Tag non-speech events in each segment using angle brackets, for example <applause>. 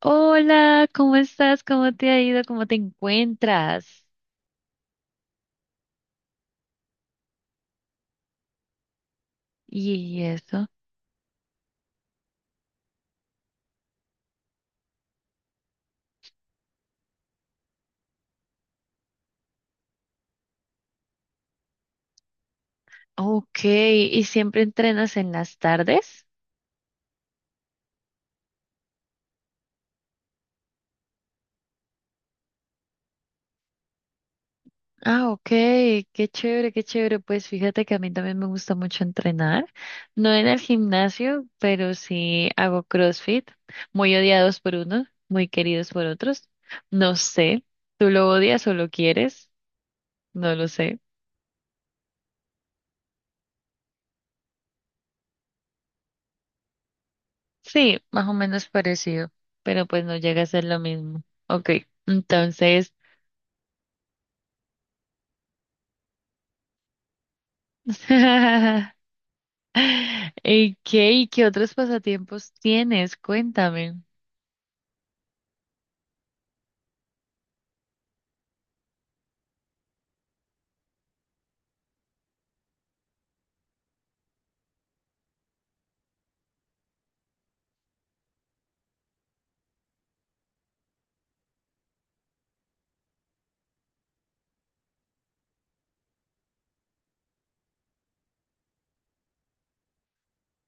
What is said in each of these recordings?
Hola, ¿cómo estás? ¿Cómo te ha ido? ¿Cómo te encuentras? Y eso. Ok, ¿y siempre entrenas en las tardes? Ah, ok, qué chévere, qué chévere. Pues fíjate que a mí también me gusta mucho entrenar. No en el gimnasio, pero sí hago CrossFit, muy odiados por unos, muy queridos por otros. No sé, ¿tú lo odias o lo quieres? No lo sé. Sí, más o menos parecido, pero pues no llega a ser lo mismo. Ok, entonces. <laughs> ¿Y qué otros pasatiempos tienes? Cuéntame.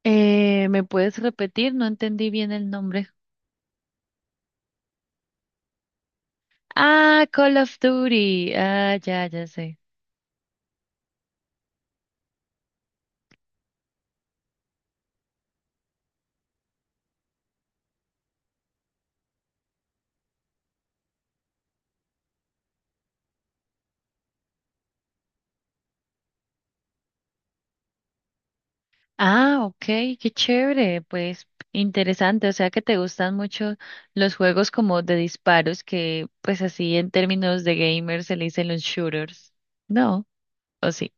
¿Me puedes repetir? No entendí bien el nombre. Ah, Call of Duty. Ah, ya, ya sé. Ah, ok, qué chévere. Pues interesante. O sea que te gustan mucho los juegos como de disparos, que pues así en términos de gamers se le dicen los shooters. ¿No? ¿O sí?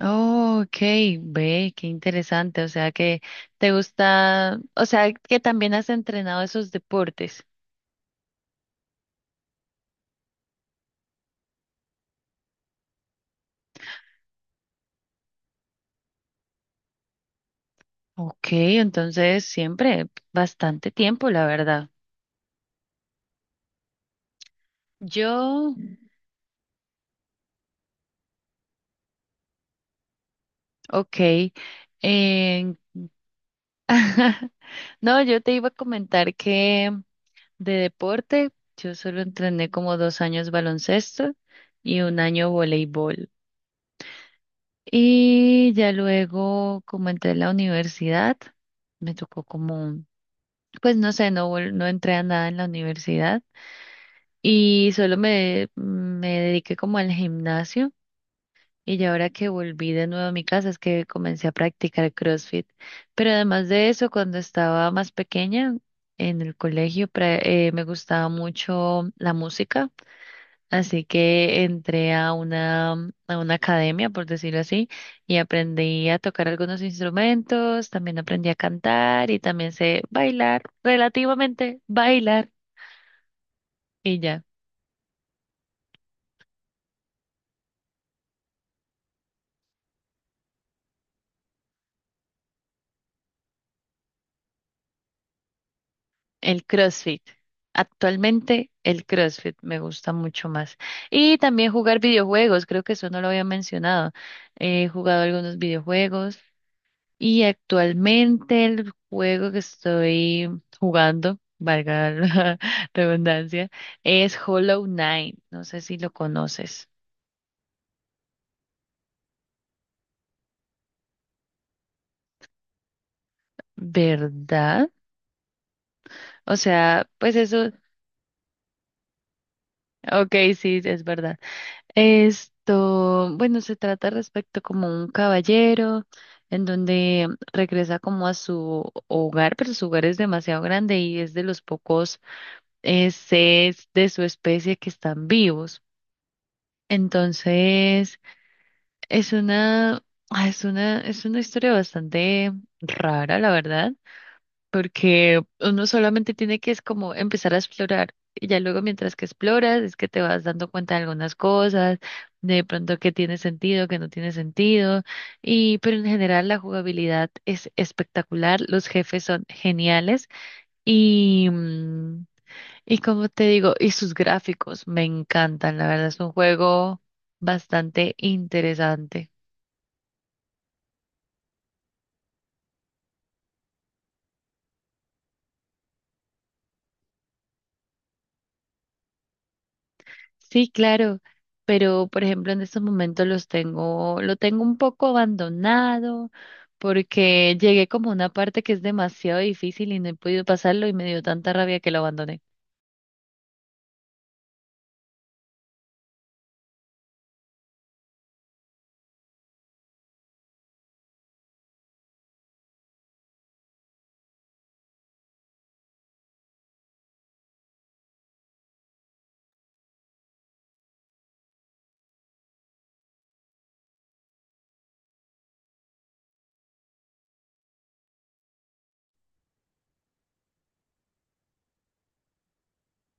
Oh, ok, ve, qué interesante. O sea que te gusta, o sea que también has entrenado esos deportes. Ok, entonces siempre bastante tiempo, la verdad. Yo, ok, en- <laughs> no, yo te iba a comentar que de deporte yo solo entrené como 2 años baloncesto y un año voleibol. Y ya luego, como entré en la universidad, me tocó como pues no sé, no, no entré a nada en la universidad y solo me dediqué como al gimnasio y ya ahora que volví de nuevo a mi casa es que comencé a practicar CrossFit. Pero además de eso, cuando estaba más pequeña en el colegio, me gustaba mucho la música, así que entré a una academia, por decirlo así, y aprendí a tocar algunos instrumentos, también aprendí a cantar y también sé bailar, relativamente bailar. Y ya, el CrossFit. Actualmente el CrossFit me gusta mucho más. Y también jugar videojuegos, creo que eso no lo había mencionado. He jugado algunos videojuegos y actualmente el juego que estoy jugando, valga la <laughs> redundancia, es Hollow Knight. No sé si lo conoces, ¿verdad? O sea, pues eso, ok, sí, es verdad. Esto, bueno, se trata respecto como un caballero en donde regresa como a su hogar, pero su hogar es demasiado grande y es de los pocos seres de su especie que están vivos. Entonces, es una, ah, es una historia bastante rara, la verdad, porque uno solamente tiene que es como empezar a explorar y ya luego mientras que exploras es que te vas dando cuenta de algunas cosas, de pronto que tiene sentido, que no tiene sentido, y pero en general la jugabilidad es espectacular, los jefes son geniales y mm, y como te digo, y sus gráficos me encantan, la verdad es un juego bastante interesante. Sí, claro, pero por ejemplo en estos momentos lo tengo un poco abandonado porque llegué como a una parte que es demasiado difícil y no he podido pasarlo y me dio tanta rabia que lo abandoné.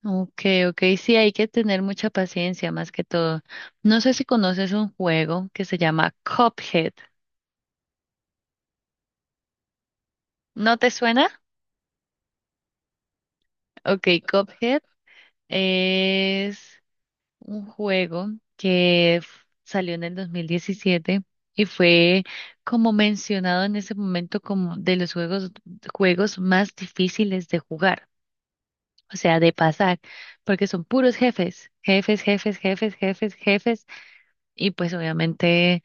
Okay, okay, sí, hay que tener mucha paciencia más que todo. No sé si conoces un juego que se llama Cuphead. ¿No te suena? Okay, Cuphead es un juego que salió en el 2017 y fue como mencionado en ese momento como de los juegos, juegos más difíciles de jugar, o sea, de pasar, porque son puros jefes, jefes, jefes, jefes, jefes, jefes, y pues obviamente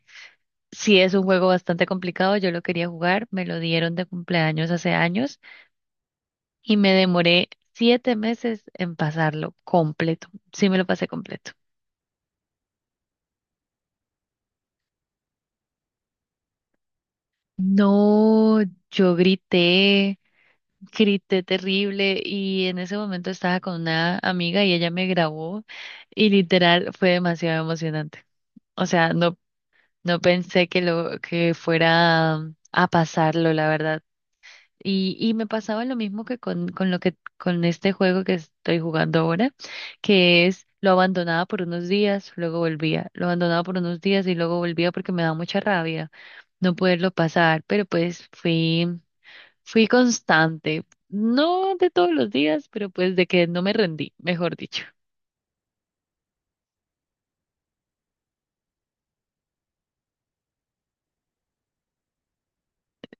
si es un juego bastante complicado, yo lo quería jugar, me lo dieron de cumpleaños hace años y me demoré 7 meses en pasarlo completo, sí me lo pasé completo. No, yo grité, grité terrible, y en ese momento estaba con una amiga y ella me grabó y literal fue demasiado emocionante. O sea, no, no pensé que lo que fuera a pasarlo, la verdad. Y me pasaba lo mismo que con lo que con este juego que estoy jugando ahora, que es lo abandonaba por unos días, luego volvía, lo abandonaba por unos días y luego volvía porque me da mucha rabia no poderlo pasar, pero pues fui constante, no de todos los días, pero pues de que no me rendí, mejor dicho.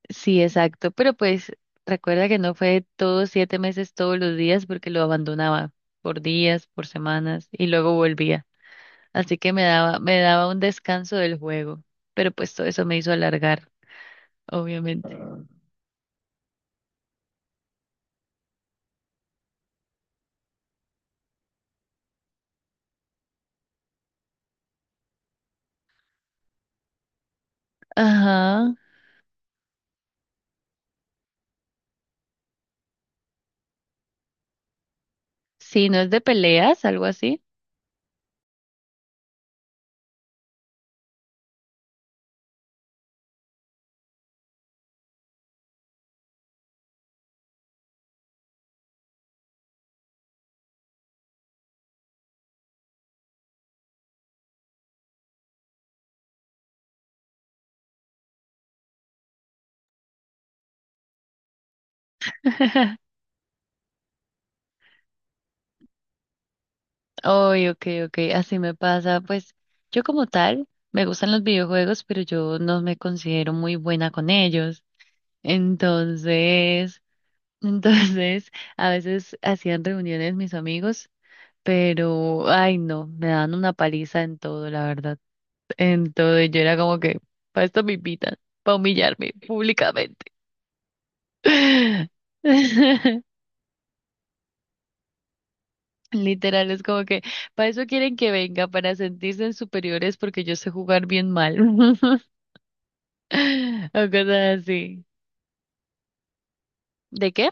Sí, exacto, pero pues recuerda que no fue todos 7 meses todos los días porque lo abandonaba por días, por semanas y luego volvía. Así que me daba un descanso del juego, pero pues todo eso me hizo alargar, obviamente. Ajá, sí, no es de peleas, algo así. <laughs> Oy, ok, ok, así me pasa. Pues yo como tal me gustan los videojuegos, pero yo no me considero muy buena con ellos. Entonces, <laughs> entonces a veces hacían reuniones mis amigos, pero ay no, me dan una paliza en todo, la verdad. En todo, y yo era como que para esto me invitan, para humillarme públicamente. <laughs> Literal, es como que para eso quieren que venga, para sentirse en superiores porque yo sé jugar bien mal. <laughs> O cosas así. ¿De qué?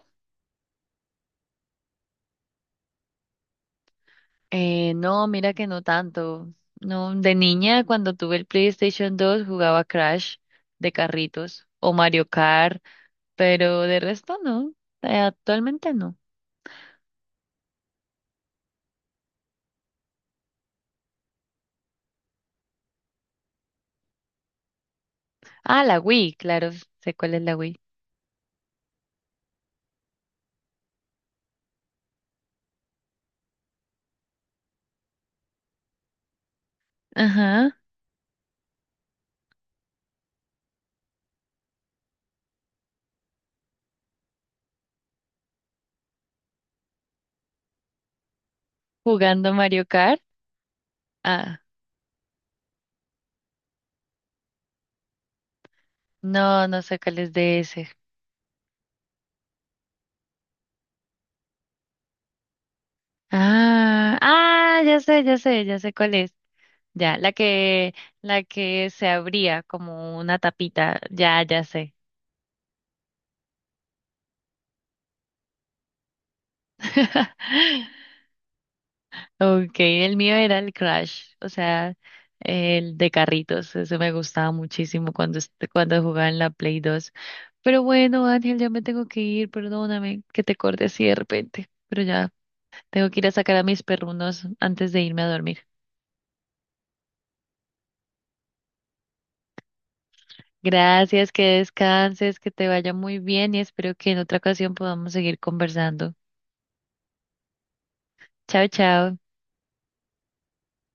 No, mira que no tanto. No, de niña, cuando tuve el PlayStation 2, jugaba Crash de carritos o Mario Kart, pero de resto no. Actualmente no. Ah, la Wii, claro, sé cuál es la Wii. Ajá, jugando Mario Kart. Ah, no, no sé cuál es de ese. Ah, ah, ya sé, ya sé, ya sé cuál es. Ya, la que se abría como una tapita. Ya, ya sé. <laughs> Okay, el mío era el Crash, o sea, el de carritos. Eso me gustaba muchísimo cuando, cuando jugaba en la Play 2. Pero bueno, Ángel, ya me tengo que ir, perdóname que te corte así de repente. Pero ya, tengo que ir a sacar a mis perrunos antes de irme a dormir. Gracias, que descanses, que te vaya muy bien y espero que en otra ocasión podamos seguir conversando. Chao, chao.